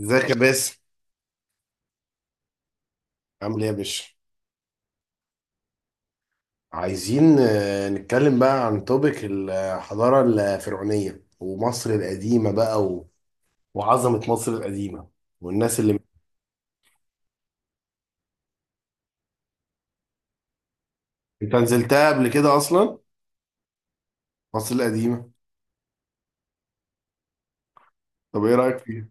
ازيك يا باسم؟ عامل ايه يا باشا؟ عايزين نتكلم بقى عن توبيك الحضارة الفرعونية ومصر القديمة بقى وعظمة مصر القديمة والناس اللي انت نزلتها قبل كده اصلا؟ مصر القديمة. طب ايه رأيك فيها؟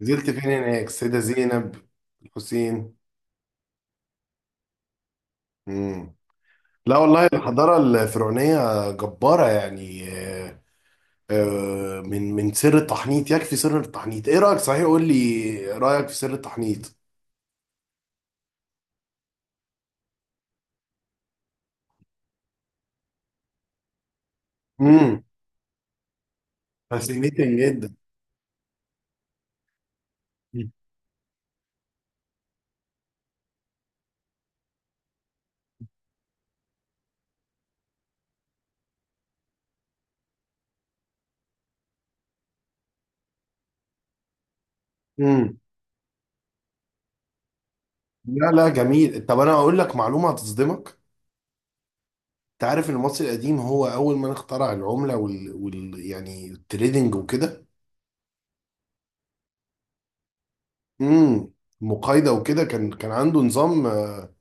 نزلت فين هناك، السيدة زينب، الحسين؟ مم. لا والله، الحضارة الفرعونية جبارة يعني. من سر التحنيط، يكفي سر التحنيط. ايه رأيك، صحيح؟ قول لي رأيك في سر التحنيط. فاسينيتنج جدا. امم لا لا، جميل. طب انا اقول لك معلومه هتصدمك. انت عارف ان المصري القديم هو اول من اخترع العمله يعني التريدنج وكده. امم المقايضه وكده. كان عنده نظام آه،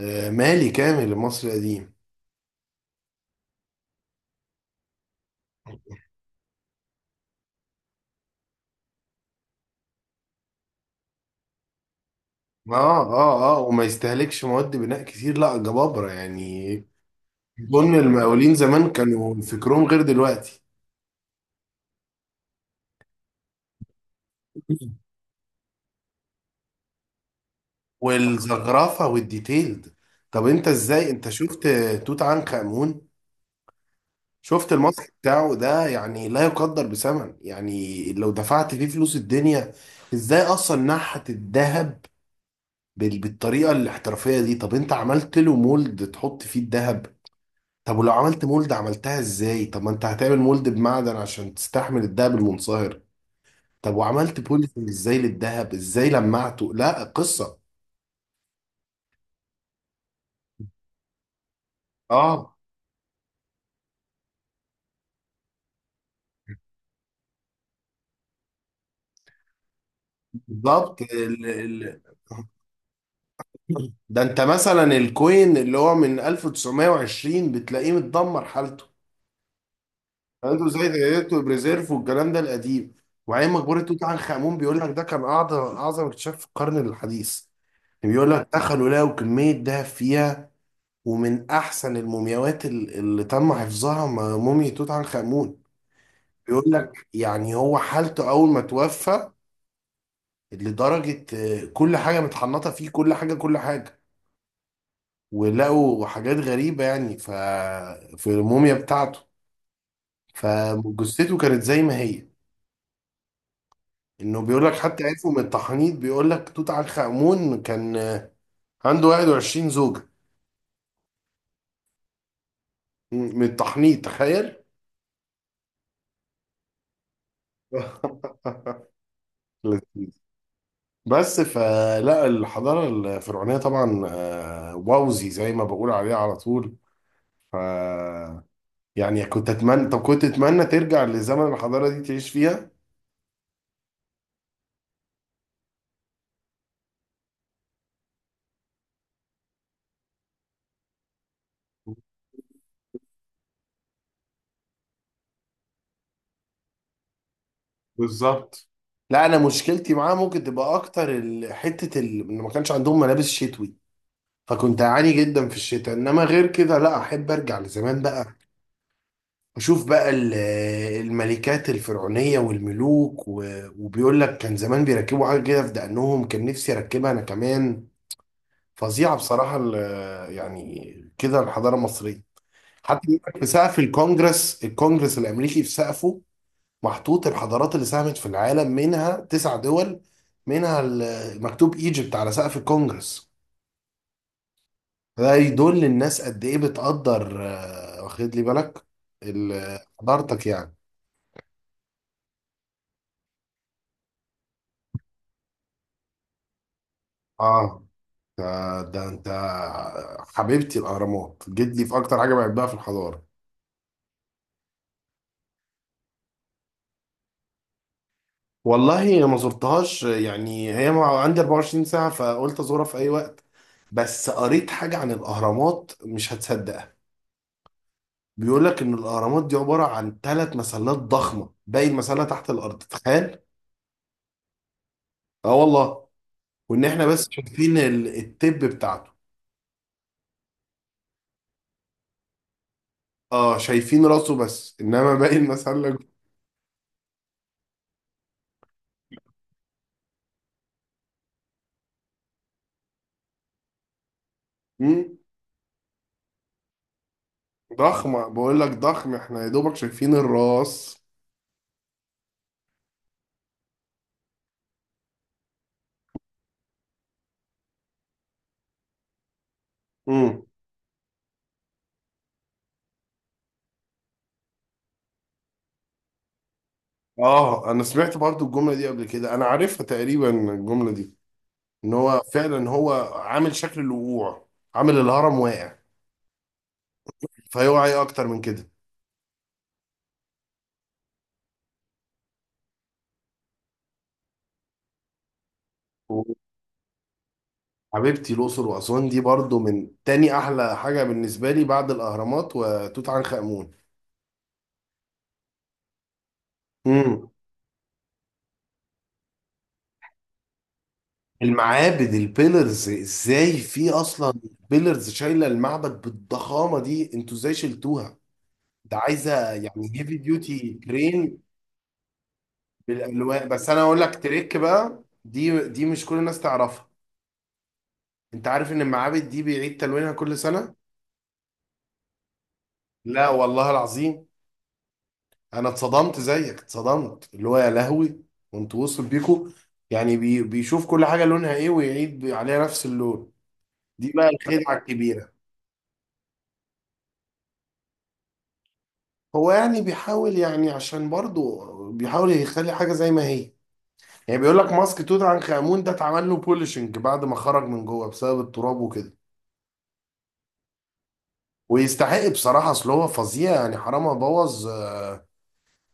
آه، مالي كامل، المصري القديم. اه اه اه، وما يستهلكش مواد بناء كتير، لا جبابره يعني. اظن المقاولين زمان كانوا فكرهم غير دلوقتي. والزخرفه والديتيلد. طب انت ازاي، انت شفت توت عنخ امون؟ شفت الماسك بتاعه ده؟ يعني لا يقدر بثمن، يعني لو دفعت فيه فلوس الدنيا. ازاي اصلا نحت الذهب بالطريقه الاحترافيه دي؟ طب انت عملت له مولد تحط فيه الذهب؟ طب ولو عملت مولد عملتها ازاي؟ طب ما انت هتعمل مولد بمعدن عشان تستحمل الذهب المنصهر. طب وعملت بوليسنج ازاي للذهب، ازاي لمعته؟ لا قصه. اه بالظبط. ده انت مثلا الكوين اللي هو من 1920 بتلاقيه متدمر حالته. انتوا زي دايركت وبريزيرف والكلام ده القديم. وعين مقبره توت عنخ امون، بيقول لك ده كان اعظم اعظم اكتشاف في القرن الحديث. يعني بيقول لك دخلوا لقوا كميه دهب فيها، ومن احسن المومياوات اللي تم حفظها، موميا توت عنخ امون. بيقول لك يعني هو حالته اول ما توفى، لدرجه كل حاجه متحنطه فيه، كل حاجه كل حاجه. ولقوا حاجات غريبه يعني في الموميا بتاعته، فجثته كانت زي ما هي. انه بيقول لك حتى عرفوا من التحنيط. بيقول لك توت عنخ آمون كان عنده 21 زوجة، من التحنيط، تخيل. لذيذ. بس فلا الحضارة الفرعونية طبعا، ووزي زي ما بقول عليها على طول. ف يعني كنت اتمنى طب كنت اتمنى ترجع لزمن الحضارة دي تعيش فيها. بالظبط. لا انا مشكلتي معاه ممكن تبقى اكتر حتة ان ما كانش عندهم ملابس شتوي، فكنت اعاني جدا في الشتاء. انما غير كده لا، احب ارجع لزمان بقى، اشوف بقى الملكات الفرعونيه والملوك وبيقول لك كان زمان بيركبوا حاجه كده في دقنهم، كان نفسي اركبها انا كمان. فظيعه بصراحه يعني كده الحضاره المصريه. حتى بيقول لك في سقف الكونجرس الامريكي، في سقفه محطوط الحضارات اللي ساهمت في العالم، منها 9 دول، منها مكتوب ايجيبت على سقف الكونجرس. ده يدل للناس قد ايه بتقدر، واخد لي بالك حضارتك يعني. اه ده, انت حبيبتي الاهرامات جيت لي في اكتر حاجه بحبها في الحضاره. والله ما زرتهاش، يعني هي عندي 24 ساعه، فقلت ازورها في اي وقت. بس قريت حاجه عن الاهرامات مش هتصدقها. بيقول لك ان الاهرامات دي عباره عن 3 مسلات ضخمه، باقي المسله تحت الارض، تخيل. اه والله. وان احنا بس شايفين التب بتاعته. اه شايفين راسه بس، انما باقي الناس، قال لك. مم، ضخمه، بقول لك ضخم، احنا يا دوبك شايفين الراس. امم اه، انا سمعت برضو الجمله دي قبل كده، انا عارفها تقريبا الجمله دي. ان هو فعلا هو عامل شكل الوقوع، عامل الهرم واقع. فيوعى ايه اكتر من كده. حبيبتي الاقصر واسوان دي برضو من تاني احلى حاجه بالنسبه لي بعد الاهرامات وتوت عنخ امون. مم. المعابد، البيلرز ازاي في اصلا بيلرز شايله المعبد بالضخامه دي؟ انتوا ازاي شلتوها؟ ده عايزه يعني هيفي ديوتي كرين. بالالوان. بس انا اقول لك تريك بقى، دي مش كل الناس تعرفها. انت عارف ان المعابد دي بيعيد تلوينها كل سنه؟ لا والله العظيم، انا اتصدمت زيك، اتصدمت اللي هو يا لهوي. وانتوا وصل بيكو، يعني بيشوف كل حاجه لونها ايه ويعيد عليها نفس اللون. دي بقى الخدعه الكبيره. هو يعني بيحاول، يعني عشان برضه بيحاول يخلي حاجة زي ما هي. يعني بيقول لك ماسك توت عنخ آمون ده اتعمل له بولشنج بعد ما خرج من جوه بسبب التراب وكده. ويستحق بصراحة، أصل هو فظيع يعني، حرام أبوظ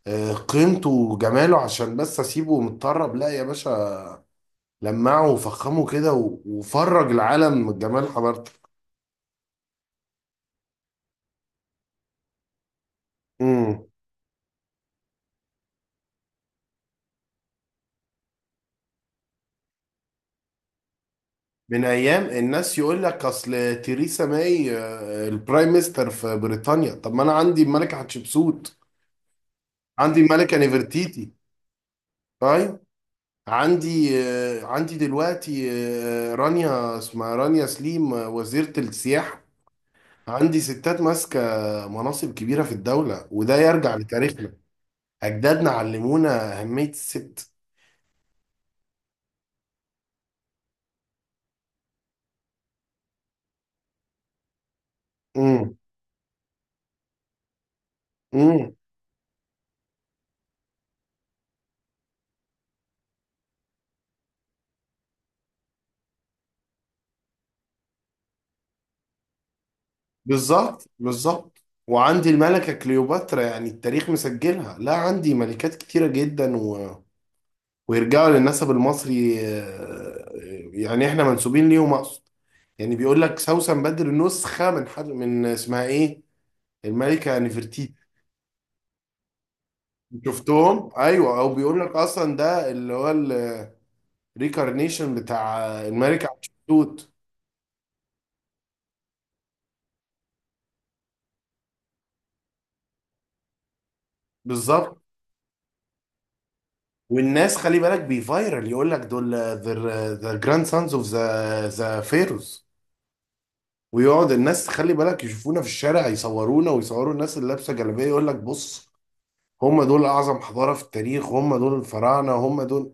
قيمته وجماله عشان بس أسيبه متطرب؟ لا يا باشا، لمعه وفخمه كده وفرج العالم من جمال حضارته. امم من أيام الناس، يقول لك أصل تheresa ماي البرايم ميستر في بريطانيا، طب ما أنا عندي الملكة حتشبسوت، عندي ملكة نفرتيتي. طيب، عندي عندي دلوقتي رانيا، اسمها رانيا سليم، وزيرة السياحة. عندي ستات ماسكة مناصب كبيرة في الدولة، وده يرجع لتاريخنا. أجدادنا علمونا أهمية الست. امم امم بالظبط بالظبط. وعندي الملكة كليوباترا، يعني التاريخ مسجلها، لا عندي ملكات كتيرة جدا ويرجعوا للنسب المصري، يعني احنا منسوبين ليهم اقصد. يعني بيقول لك سوسن بدر نسخه من حد، من اسمها ايه، الملكه نفرتيتي. شفتهم؟ ايوه، او بيقول لك اصلا ده اللي هو الريكارنيشن بتاع الملكه حتشبسوت. بالظبط. والناس خلي بالك بيفايرل، يقول لك دول ذا جراند سانز اوف ذا فيروز. ويقعد الناس خلي بالك يشوفونا في الشارع يصورونا، ويصوروا الناس اللي لابسه جلابيه، يقول لك بص، هم دول اعظم حضاره في التاريخ، هم دول الفراعنه، هم دول.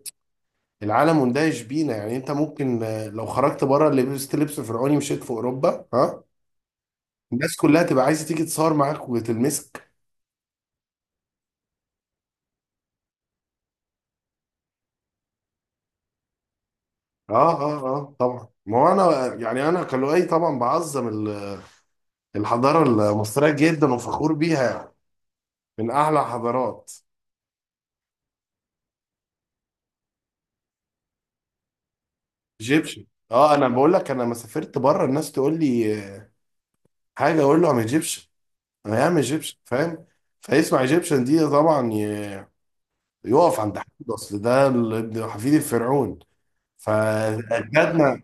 العالم مندهش بينا يعني. انت ممكن لو خرجت بره لبست لبس فرعوني مشيت في اوروبا، ها، الناس كلها تبقى عايزه تيجي تصور معاك وتلمسك. اه اه اه طبعا، ما هو انا يعني انا كلوعي طبعا بعظم الحضاره المصريه جدا، وفخور بيها يعني، من اعلى حضارات. ايجيبشن. اه انا بقول لك انا لما سافرت بره الناس تقول لي حاجه، اقول له ام ايجيبشن. انا ام ايجيبشن، فاهم؟ فيسمع ايجيبشن دي طبعا، يقف عند حد، اصل ده ابن حفيد الفرعون. فاجدادنا،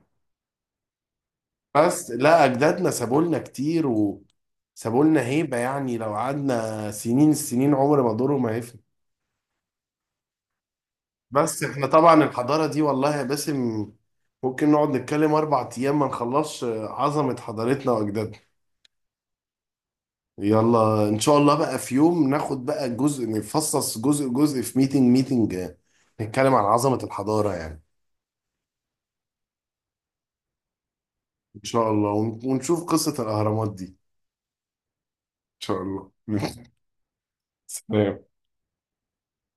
بس لا اجدادنا سابوا لنا كتير وسابوا لنا هيبه، يعني لو قعدنا سنين السنين عمر ما دوره ما هيفنى. بس احنا طبعا الحضاره دي والله يا باسم، ممكن نقعد نتكلم 4 ايام ما نخلصش عظمه حضارتنا واجدادنا. يلا ان شاء الله بقى في يوم ناخد بقى جزء، نفصص جزء جزء في ميتنج ميتنج، نتكلم عن عظمه الحضاره يعني. ان شاء الله ونشوف قصه الاهرامات دي. شاء الله. سلام.